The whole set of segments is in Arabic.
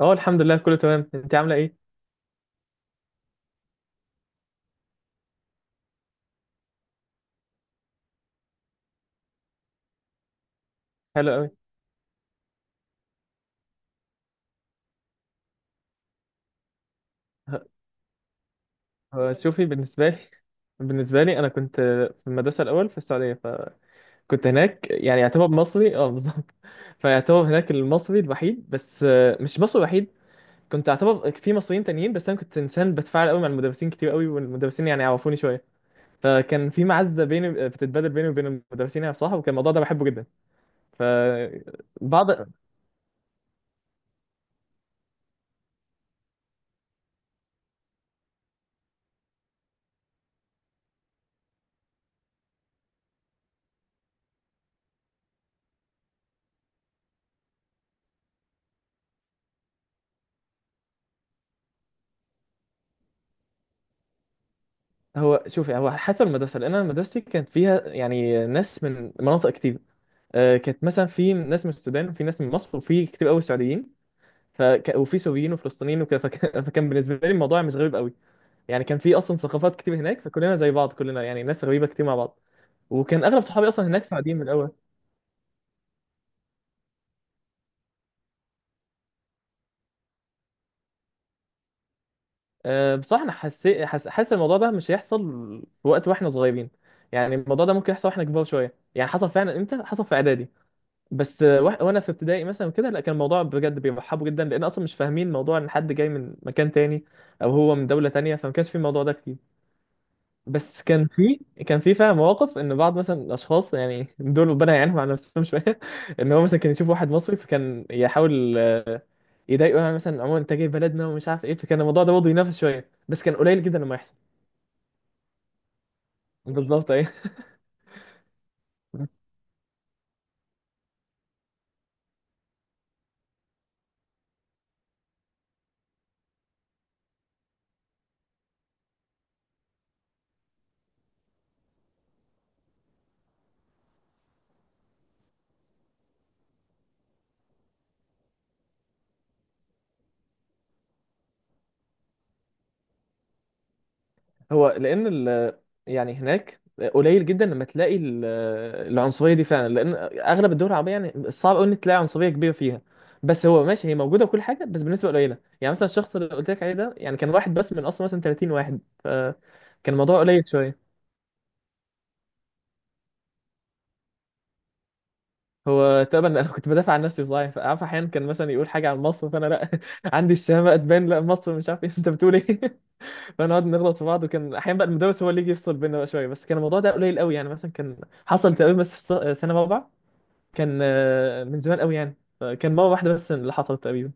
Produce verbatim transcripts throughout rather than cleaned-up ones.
اه، الحمد لله كله تمام. انت عامله ايه؟ حلو قوي. ه- ه- شوفي، بالنسبه لي بالنسبه لي انا كنت في المدرسه الاول في السعوديه، فكنت هناك يعني يعتبر مصري، اه بالظبط. فيعتبر هناك المصري الوحيد، بس آه، مش مصري الوحيد، كنت اعتبر في مصريين تانيين. بس انا كنت انسان بتفاعل قوي مع المدرسين كتير قوي، والمدرسين يعني عرفوني شويه، فكان في معزه بيني بتتبادل بيني وبين المدرسين يعني بصراحه، وكان الموضوع ده بحبه جدا. ف بعض هو شوفي، هو حسب المدرسه، لان انا مدرستي كانت فيها يعني ناس من مناطق كتير. آه، كانت مثلا في ناس من السودان، وفي ناس من مصر، وفي كتير قوي سعوديين، فك... وفي سوريين وفلسطينيين وكده فك... فكان بالنسبه لي الموضوع مش غريب قوي. يعني كان في اصلا ثقافات كتير هناك، فكلنا زي بعض، كلنا يعني ناس غريبه كتير مع بعض. وكان اغلب صحابي اصلا هناك سعوديين من الاول. أه بصراحه انا حسيت حس... حاسس الموضوع ده مش هيحصل في وقت واحنا صغيرين، يعني الموضوع ده ممكن يحصل واحنا كبار شويه، يعني حصل فعلا. امتى حصل؟ في اعدادي. بس واح- وانا في ابتدائي مثلا كده، لا كان الموضوع بجد بيرحبوا جدا، لان اصلا مش فاهمين موضوع ان حد جاي من مكان تاني او هو من دوله تانيه، فما كانش في الموضوع ده كتير. بس كان في، كان في فعلا مواقف ان بعض مثلا الاشخاص يعني دول ربنا يعينهم على نفسهم شويه ان هو مثلا كان يشوف واحد مصري فكان يحاول آه، يضايقه، يعني مثلا عموما انت جاي بلدنا ومش عارف ايه، فكان الموضوع ده برضه ينافس شويه، بس كان قليل جدا لما يحصل. بالظبط، ايه. هو لان ال... يعني هناك قليل جدا لما تلاقي ال- العنصريه دي فعلا، لان اغلب الدول العربيه يعني صعب قوي ان تلاقي عنصريه كبيره فيها. بس هو ماشي، هي موجوده وكل حاجه، بس بالنسبه قليله. يعني مثلا الشخص اللي قلت لك عليه ده يعني كان واحد بس من اصلا مثلا ثلاثين واحد، فكان الموضوع قليل شويه. هو تقريبا انا كنت بدافع عن نفسي صحيح، فعارف احيانا كان مثلا يقول حاجه عن مصر، فانا لا عندي الشهامه اتبان، لا مصر مش عارف إيه، انت بتقول ايه؟ فنقعد نغلط في بعض، وكان احيانا بقى المدرس هو اللي يجي يفصل بينا بقى شويه. بس كان الموضوع ده قليل قوي، يعني مثلا كان حصل تقريبا بس في الص- سنه رابعه، كان آه، من زمان قوي يعني، كان مره واحده بس اللي حصلت تقريبا.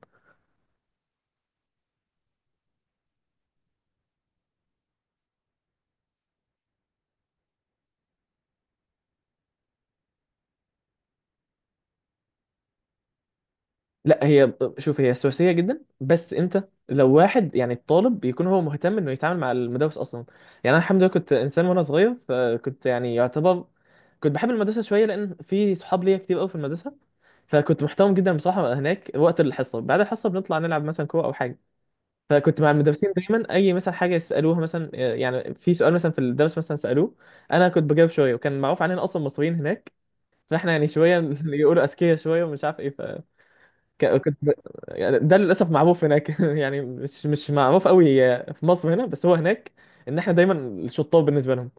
لا، هي شوف هي سواسيه جدا، بس امتى؟ لو واحد يعني الطالب بيكون هو مهتم انه يتعامل مع المدرس اصلا. يعني انا الحمد لله كنت انسان وانا صغير، فكنت يعني يعتبر كنت بحب المدرسه شويه، لان في صحاب ليا كتير قوي في المدرسه، فكنت محترم جدا بصراحه هناك. وقت الحصه بعد الحصه بنطلع نلعب مثلا كوره او حاجه، فكنت مع المدرسين دايما. اي مثلا حاجه يسالوها مثلا، يعني في سؤال مثلا في الدرس مثلا سالوه، انا كنت بجاوب شويه. وكان معروف علينا اصلا مصريين هناك، فاحنا يعني شويه يقولوا اذكياء شويه ومش عارف ايه. فكنت ب... يعني ده للاسف معروف هناك يعني مش مش معروف قوي في مصر هنا، بس هو هناك ان احنا دايما الشطار بالنسبه لهم.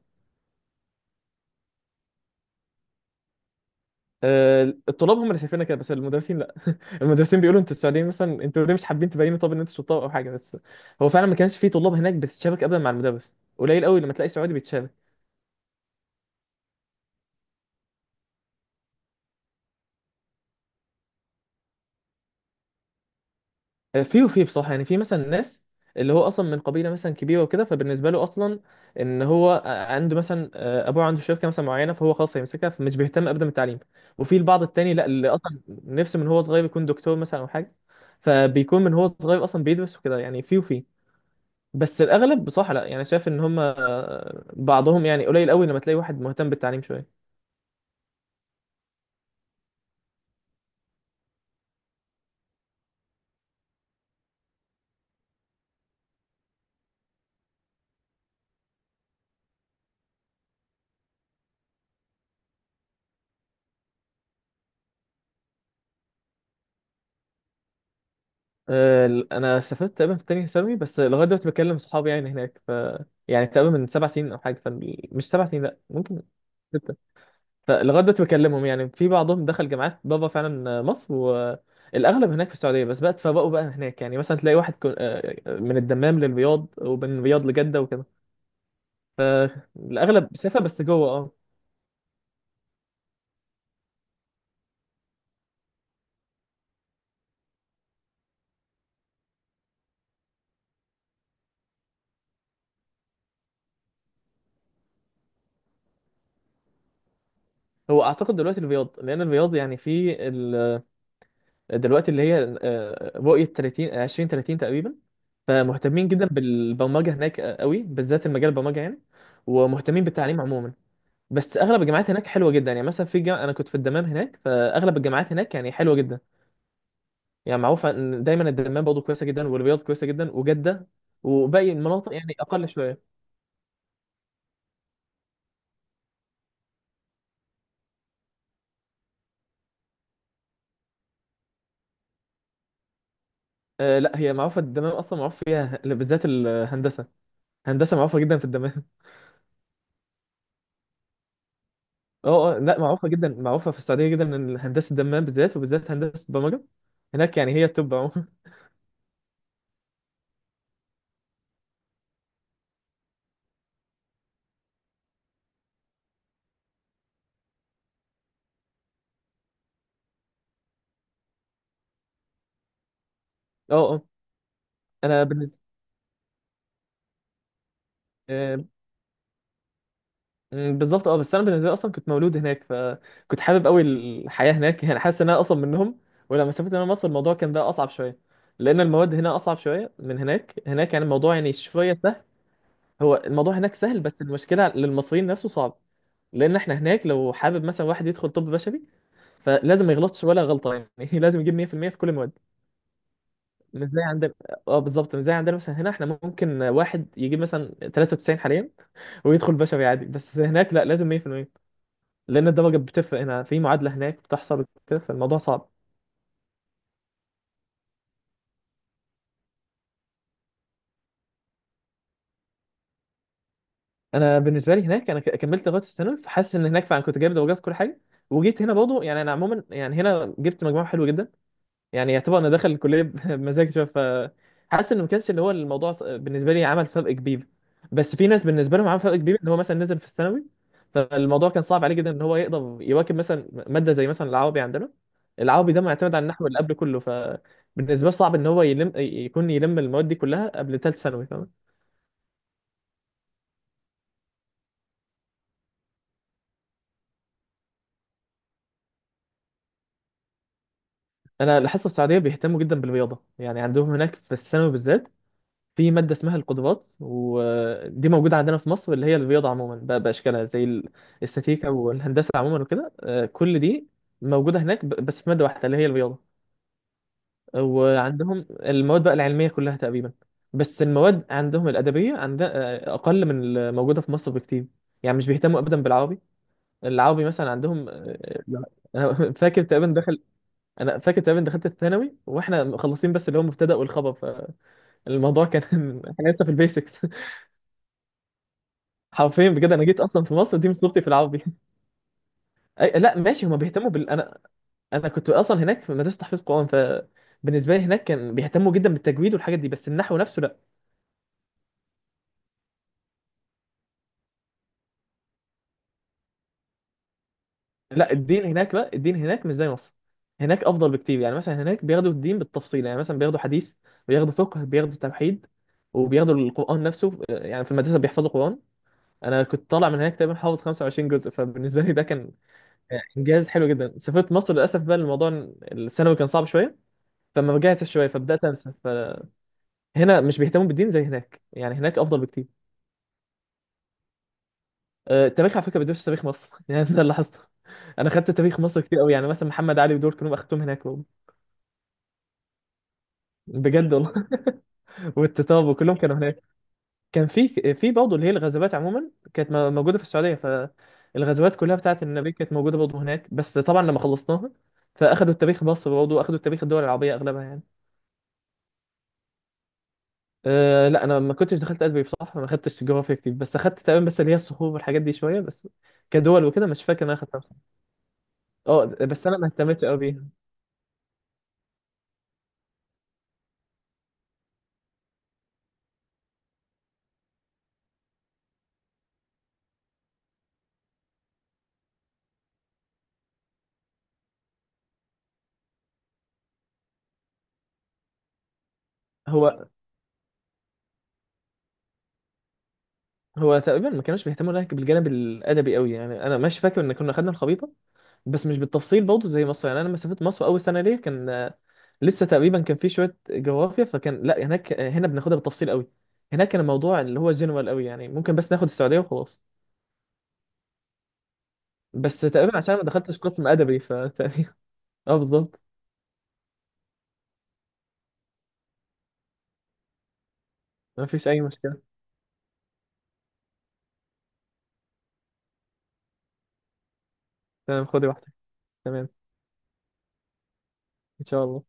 آه، الطلاب هم اللي شايفيننا كده، بس المدرسين لا المدرسين بيقولوا انتوا السعوديين مثلا، انتوا ليه مش حابين تبينوا طب ان انتوا شطار او حاجه. بس هو فعلا ما كانش في طلاب هناك بتتشابك ابدا مع المدرس، قليل قوي لما تلاقي سعودي بيتشابك. في وفي بصراحة، يعني في مثلا ناس اللي هو أصلا من قبيلة مثلا كبيرة وكده، فبالنسبة له أصلا إن هو عنده مثلا آه، أبوه عنده شركة مثلا معينة، فهو خلاص هيمسكها، فمش بيهتم أبدا بالتعليم. وفي البعض التاني لا، اللي أصلا نفسه من هو صغير يكون دكتور مثلا أو حاجة، فبيكون من هو صغير أصلا بيدرس وكده. يعني في وفي بس الأغلب بصراحة لا، يعني شايف إن هم آه، بعضهم يعني قليل قوي لما تلاقي واحد مهتم بالتعليم شوية. آه، انا سافرت تقريبا في تانية ثانوي، بس لغايه دلوقتي بكلم صحابي يعني هناك. ف يعني تقريبا من سبع سنين او حاجه، فمش سبع سنين، لا ممكن ستة. فلغايه دلوقتي بكلمهم، يعني في بعضهم دخل جامعات بابا فعلا مصر، والاغلب هناك في السعوديه بس بقى اتفرقوا بقى هناك. يعني مثلا تلاقي واحد كو- آه، من الدمام للرياض، ومن الرياض لجده وكده. الاغلب سافر بس جوه، اه. هو اعتقد دلوقتي الرياض، لان الرياض يعني في دلوقتي اللي هي آه، رؤية ثلاثين آه، عشرين ثلاثين تقريبا، فمهتمين جدا بالبرمجة هناك، آه، قوي بالذات المجال البرمجة يعني، ومهتمين بالتعليم عموما. بس اغلب الجامعات هناك حلوه جدا، يعني مثلا في جامعة انا كنت في الدمام هناك، فاغلب الجامعات هناك يعني حلوه جدا. يعني معروفه ان دايما الدمام برضه كويسه جدا، والرياض كويسه جدا، وجده. وباقي المناطق يعني اقل شويه. آه لا، هي معروفه الدمام اصلا معروف فيها بالذات الهندسه، هندسه معروفه جدا في الدمام. اه اه لا معروفه جدا، معروفه في السعوديه جدا ان هندسه دمام بالذات، وبالذات هندسه برمجه هناك، يعني هي التوب عموما. اه اه انا بالنسبه آه، م، بالظبط. اه، بس انا بالنسبه لي اصلا كنت مولود هناك، فكنت حابب قوي الحياه هناك، يعني حاسس ان انا اصلا منهم. ولما سافرت انا مصر الموضوع كان بقى اصعب شويه، لان المواد هنا اصعب شويه من هناك. هناك يعني الموضوع يعني شويه سهل، هو الموضوع هناك سهل، بس المشكله للمصريين نفسه صعب. لان احنا هناك لو حابب مثلا واحد يدخل طب بشري، فلازم ما يغلطش ولا غلطه، يعني لازم يجيب مية في المية في كل المواد. مش زي عندنا. اه بالظبط، مش زي عندنا. مثلا هنا احنا ممكن واحد يجيب مثلا ثلاثة وتسعين حاليا ويدخل بشري عادي، بس هناك لا، لازم مية في المية، لان الدرجه بتفرق. هنا في معادله هناك بتحصل كده، فالموضوع صعب. انا بالنسبه لي هناك انا ك- كملت لغايه الثانوي، فحاسس ان هناك فعلا كنت جايب درجات في كل حاجه. وجيت هنا برضه يعني انا عموما، يعني هنا جبت مجموع حلو جدا، يعني يعتبر انا داخل الكليه بمزاج شويه. ف حاسس ان ما كانش اللي هو الموضوع ص- بالنسبه لي عمل فرق كبير. بس في ناس بالنسبه لهم عمل فرق كبير، ان هو مثلا نزل في الثانوي، فالموضوع كان صعب عليه جدا ان هو يقدر يواكب مثلا ماده زي مثلا العربي عندنا. العربي ده معتمد على النحو اللي قبل كله، فبالنسبه له صعب ان هو يلم يكون يلم المواد دي كلها قبل ثالث ثانوي، فاهم. انا الحصه السعوديه بيهتموا جدا بالرياضه، يعني عندهم هناك في الثانوي بالذات في مادة اسمها القدرات، ودي موجودة عندنا في مصر اللي هي الرياضة عموما بقى بأشكالها، زي ال- الاستاتيكا والهندسة عموما وكده، آه، كل دي موجودة هناك ب- بس في مادة واحدة اللي هي الرياضة. وعندهم المواد بقى العلمية كلها تقريبا، بس المواد عندهم الأدبية عندها أقل من الموجودة في مصر بكتير. يعني مش بيهتموا أبدا بالعربي. العربي مثلا عندهم آه، آه، أنا فاكر تقريبا دخل أنا فاكر تقريبا دخلت الثانوي وإحنا مخلصين بس اللي هو المبتدأ والخبر، فالموضوع كان إحنا لسه في البيسكس. حرفيا بجد انا جيت اصلا في مصر دي من صورتي في العربي. أي لا ماشي، هما بيهتموا بال انا انا كنت اصلا هناك في مدرسه تحفيظ قران، فبالنسبه لي هناك كان بيهتموا جدا بالتجويد والحاجات دي، بس النحو نفسه لا. لا الدين هناك بقى، الدين هناك مش زي مصر، هناك افضل بكتير. يعني مثلا هناك بياخدوا الدين بالتفصيل، يعني مثلا بياخدوا حديث، بياخدوا فقه، بياخدوا توحيد، وبياخدوا القران نفسه، يعني في المدرسه بيحفظوا قران. انا كنت طالع من هناك تقريبا حافظ خمسة وعشرين جزء، فبالنسبه لي ده كان انجاز حلو جدا. سافرت مصر للاسف بقى الموضوع الثانوي كان صعب شويه، فما رجعت شويه فبدات انسى. فهنا مش بيهتموا بالدين زي هناك، يعني هناك افضل بكتير. آه، التاريخ على فكره بيدرس تاريخ مصر، يعني ده اللي لاحظته. انا خدت تاريخ مصر كتير قوي، يعني مثلا محمد علي ودول كلهم اخدتهم هناك برضه. بجد والله، والتتار وكلهم كانوا هناك. كان في، في برضه اللي هي الغزوات عموما كانت م- موجوده في السعوديه، فالغزوات كلها بتاعت النبي كانت موجوده برضه هناك. بس طبعا لما خلصناها فاخدوا التاريخ مصر برضه، واخدوا التاريخ الدول العربيه اغلبها يعني. أه لا، انا ما كنتش دخلت ادبي بصراحه، ما خدتش جغرافيا كتير، بس اخدت تقريبا بس اللي هي الصخور والحاجات دي شويه بس، كدول وكده. مش فاكر إن انا اخدتها بصراحة. اه، بس انا ما اهتمتش قوي بيها. هو هو تقريبا ما كانوش بيهتموا لك بالجانب الادبي قوي، يعني انا ماشي فاكر ان كنا خدنا الخريطه، بس مش بالتفصيل برضه زي مصر. يعني انا لما سافرت مصر اول سنه ليا كان آه، لسه تقريبا كان في شويه جغرافيا، فكان لا هناك، آه، هنا بناخدها بالتفصيل قوي، هناك كان الموضوع اللي هو جنرال قوي، يعني ممكن بس ناخد السعوديه وخلاص. بس تقريبا عشان ما دخلتش قسم ادبي فتقريبا. اه بالظبط. ما فيش أي مشكلة. تمام، خدي واحدة. تمام. إن شاء الله.